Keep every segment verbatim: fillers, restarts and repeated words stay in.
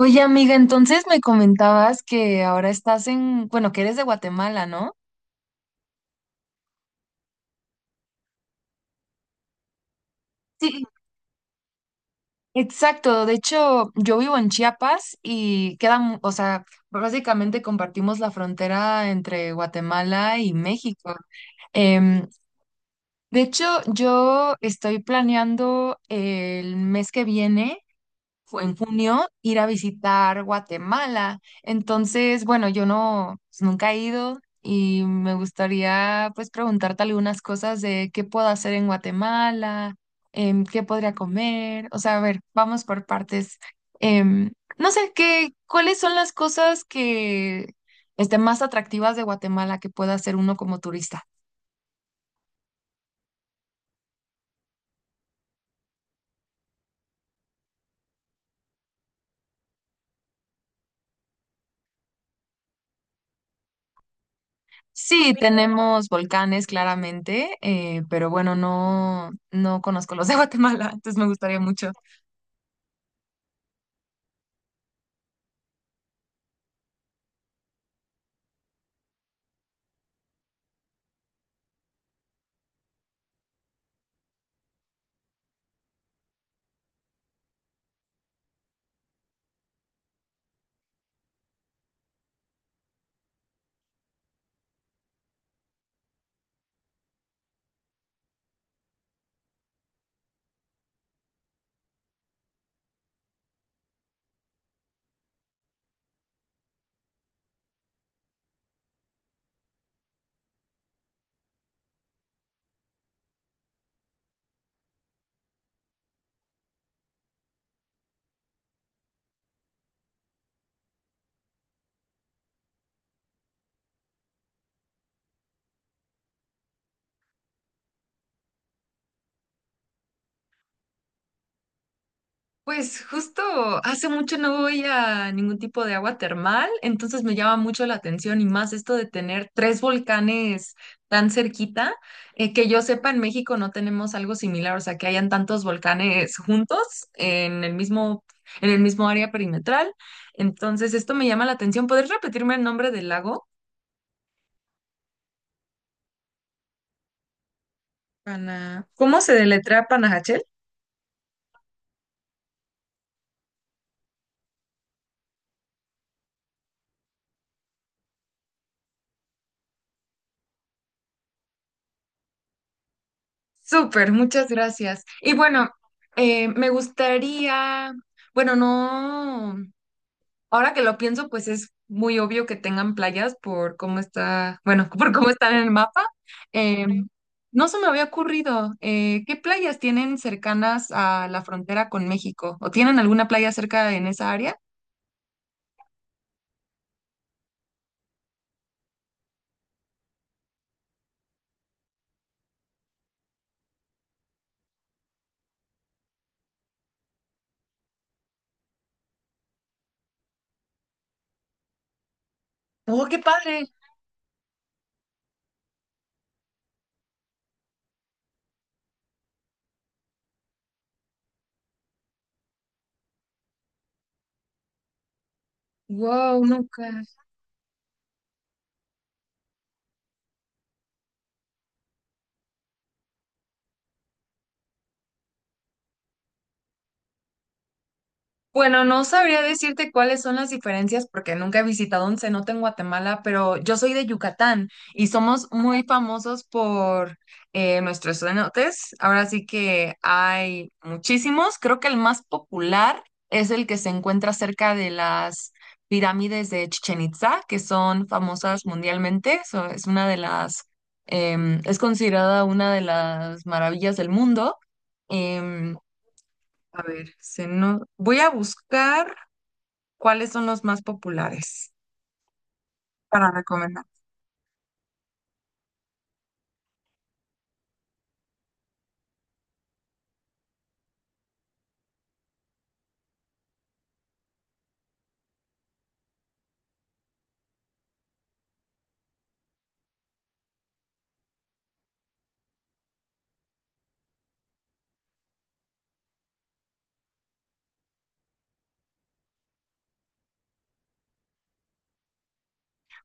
Oye, amiga, entonces me comentabas que ahora estás en, bueno, que eres de Guatemala, ¿no? Sí. Exacto, de hecho, yo vivo en Chiapas y queda, mu- o sea, básicamente compartimos la frontera entre Guatemala y México. Em, de hecho, yo estoy planeando el mes que viene. Fue en junio ir a visitar Guatemala. Entonces, bueno, yo no, pues, nunca he ido y me gustaría pues preguntarte algunas cosas de qué puedo hacer en Guatemala, em, qué podría comer. O sea, a ver, vamos por partes. Em, no sé, qué, ¿cuáles son las cosas que estén más atractivas de Guatemala que pueda hacer uno como turista? Sí, tenemos volcanes claramente, eh, pero bueno, no, no conozco los de Guatemala, entonces me gustaría mucho. Pues justo hace mucho no voy a ningún tipo de agua termal, entonces me llama mucho la atención y más esto de tener tres volcanes tan cerquita, eh, que yo sepa en México no tenemos algo similar, o sea, que hayan tantos volcanes juntos en el mismo, en el mismo área perimetral. Entonces esto me llama la atención. ¿Podrías repetirme el nombre del lago? Pana- ¿Cómo se deletrea Panajachel? Súper, muchas gracias. Y bueno, eh, me gustaría, bueno, no, ahora que lo pienso, pues es muy obvio que tengan playas por cómo está, bueno, por cómo están en el mapa. Eh, no se me había ocurrido, eh, ¿qué playas tienen cercanas a la frontera con México? ¿O tienen alguna playa cerca en esa área? Oh, qué padre. Wow, nunca. Bueno, no sabría decirte cuáles son las diferencias porque nunca he visitado un cenote en Guatemala, pero yo soy de Yucatán y somos muy famosos por eh, nuestros cenotes. Ahora sí que hay muchísimos. Creo que el más popular es el que se encuentra cerca de las pirámides de Chichen Itza, que son famosas mundialmente. So, es una de las, em, es considerada una de las maravillas del mundo. Em, a ver, se no... voy a buscar cuáles son los más populares para recomendar.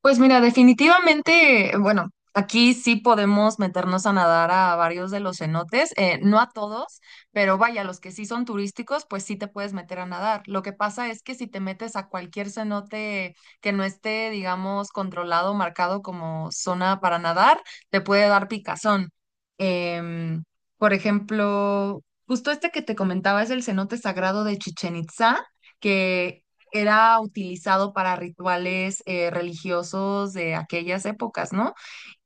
Pues mira, definitivamente, bueno, aquí sí podemos meternos a nadar a varios de los cenotes, eh, no a todos, pero vaya, los que sí son turísticos, pues sí te puedes meter a nadar. Lo que pasa es que si te metes a cualquier cenote que no esté, digamos, controlado, marcado como zona para nadar, te puede dar picazón. Em, por ejemplo, justo este que te comentaba es el cenote sagrado de Chichen Itzá que era utilizado para rituales eh, religiosos de aquellas épocas, ¿no?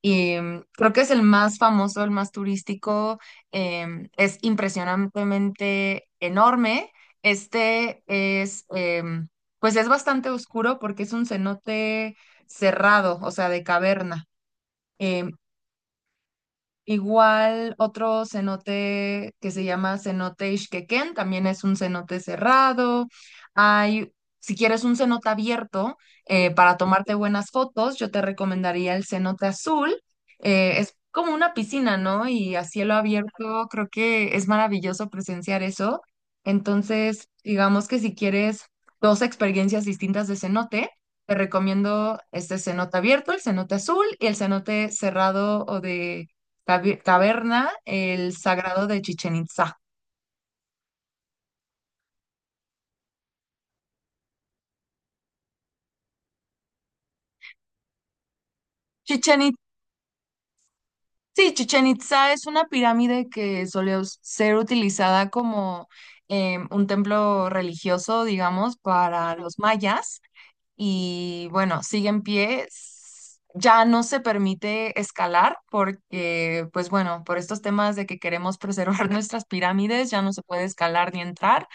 Y mm, creo que es el más famoso, el más turístico, em, es impresionantemente enorme. Este es, em, pues es bastante oscuro porque es un cenote cerrado, o sea, de caverna. Em, Igual otro cenote que se llama cenote Ixquequén, también es un cenote cerrado. Hay, si quieres un cenote abierto eh, para tomarte buenas fotos, yo te recomendaría el cenote azul. Eh, es como una piscina, ¿no? Y a cielo abierto creo que es maravilloso presenciar eso. Entonces, digamos que si quieres dos experiencias distintas de cenote, te recomiendo este cenote abierto, el cenote azul y el cenote cerrado o de tabi- Taberna, el Sagrado de Chichen Itzá. Chichen Itzá, sí, Chichen Itzá es una pirámide que solía us- ser utilizada como em, un templo religioso, digamos, para los mayas. Y bueno, sigue en pie. S- Ya no se permite escalar porque, pues bueno, por estos temas de que queremos preservar nuestras pirámides, ya no se puede escalar ni entrar.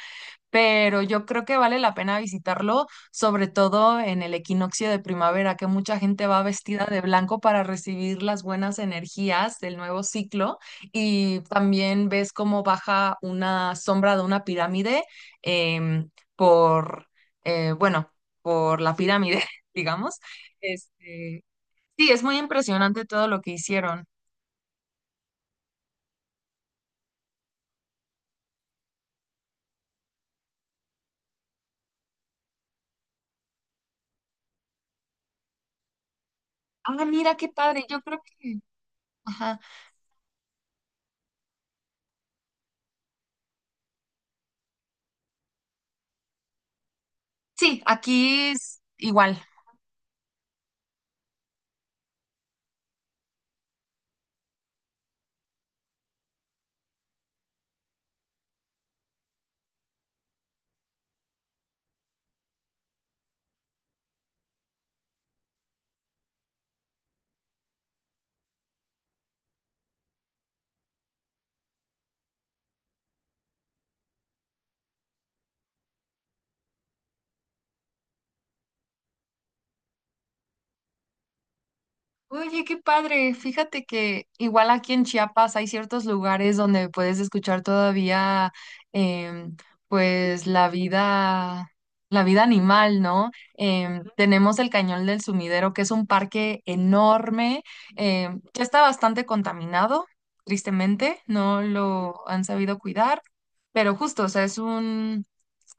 Pero yo creo que vale la pena visitarlo, sobre todo en el equinoccio de primavera, que mucha gente va vestida de blanco para recibir las buenas energías del nuevo ciclo y también ves cómo baja una sombra de una pirámide em, por, eh, bueno, por la pirámide, digamos. Este, sí, es muy impresionante todo lo que hicieron. Ah, mira qué padre, yo creo que... Ajá. Sí, aquí es igual. Oye, qué padre. Fíjate que igual aquí en Chiapas hay ciertos lugares donde puedes escuchar todavía, em, pues la vida, la vida animal, ¿no? Em, tenemos el Cañón del Sumidero, que es un parque enorme, em, ya está bastante contaminado, tristemente, no lo han sabido cuidar, pero justo, o sea, es un,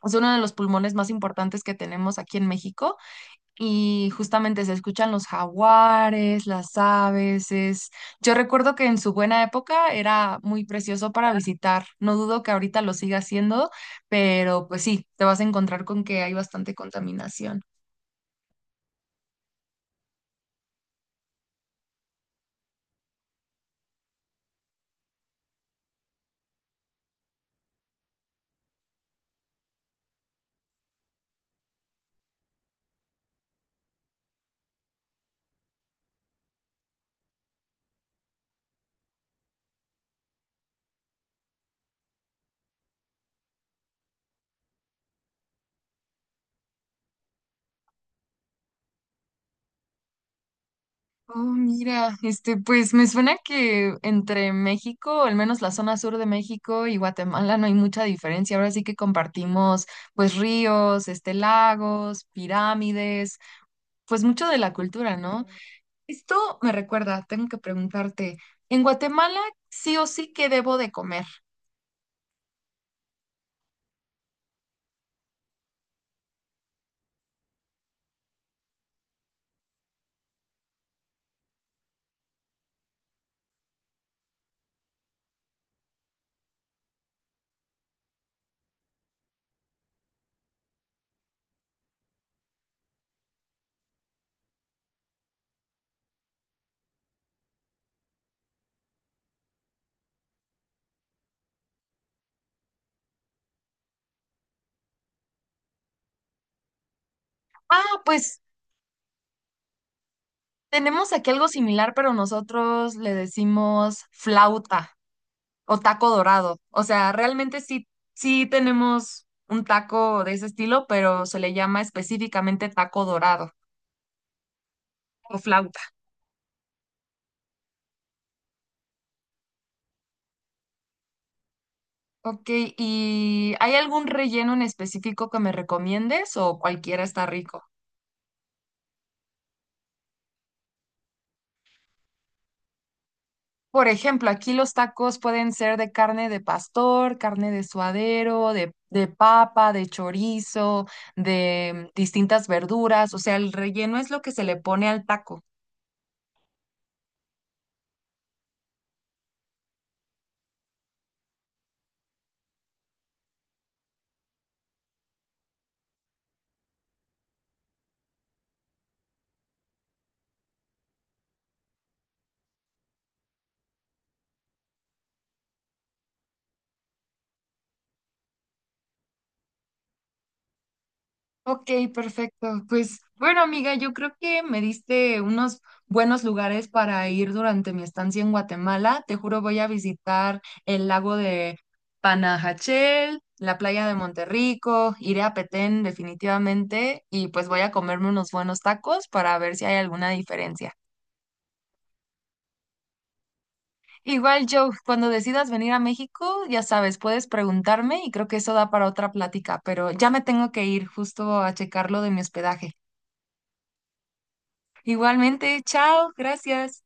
es uno de los pulmones más importantes que tenemos aquí en México y justamente se escuchan los jaguares, las aves. Es- yo recuerdo que en su buena época era muy precioso para visitar. No dudo que ahorita lo siga haciendo, pero pues sí, te vas a encontrar con que hay bastante contaminación. Oh, mira, este, pues me suena que entre México, al menos la zona sur de México y Guatemala no hay mucha diferencia. Ahora sí que compartimos pues ríos, este, lagos, pirámides, pues mucho de la cultura, ¿no? Esto me recuerda, tengo que preguntarte, ¿en Guatemala sí o sí qué debo de comer? Ah, pues tenemos aquí algo similar, pero nosotros le decimos flauta o taco dorado. O sea, realmente sí, sí tenemos un taco de ese estilo, pero se le llama específicamente taco dorado o flauta. Ok, ¿y hay algún relleno en específico que me recomiendes o cualquiera está rico? Por ejemplo, aquí los tacos pueden ser de carne de pastor, carne de suadero, de, de papa, de chorizo, de mm, distintas verduras. O sea, el relleno es lo que se le pone al taco. Ok, perfecto. Pues bueno, amiga, yo creo que me diste unos buenos lugares para ir durante mi estancia en Guatemala. Te juro, voy a visitar el lago de Panajachel, la playa de Monterrico, iré a Petén definitivamente y pues voy a comerme unos buenos tacos para ver si hay alguna diferencia. Igual, Joe, cuando decidas venir a México, ya sabes, puedes preguntarme y creo que eso da para otra plática, pero ya me tengo que ir justo a checar lo de mi hospedaje. Igualmente, chao, gracias.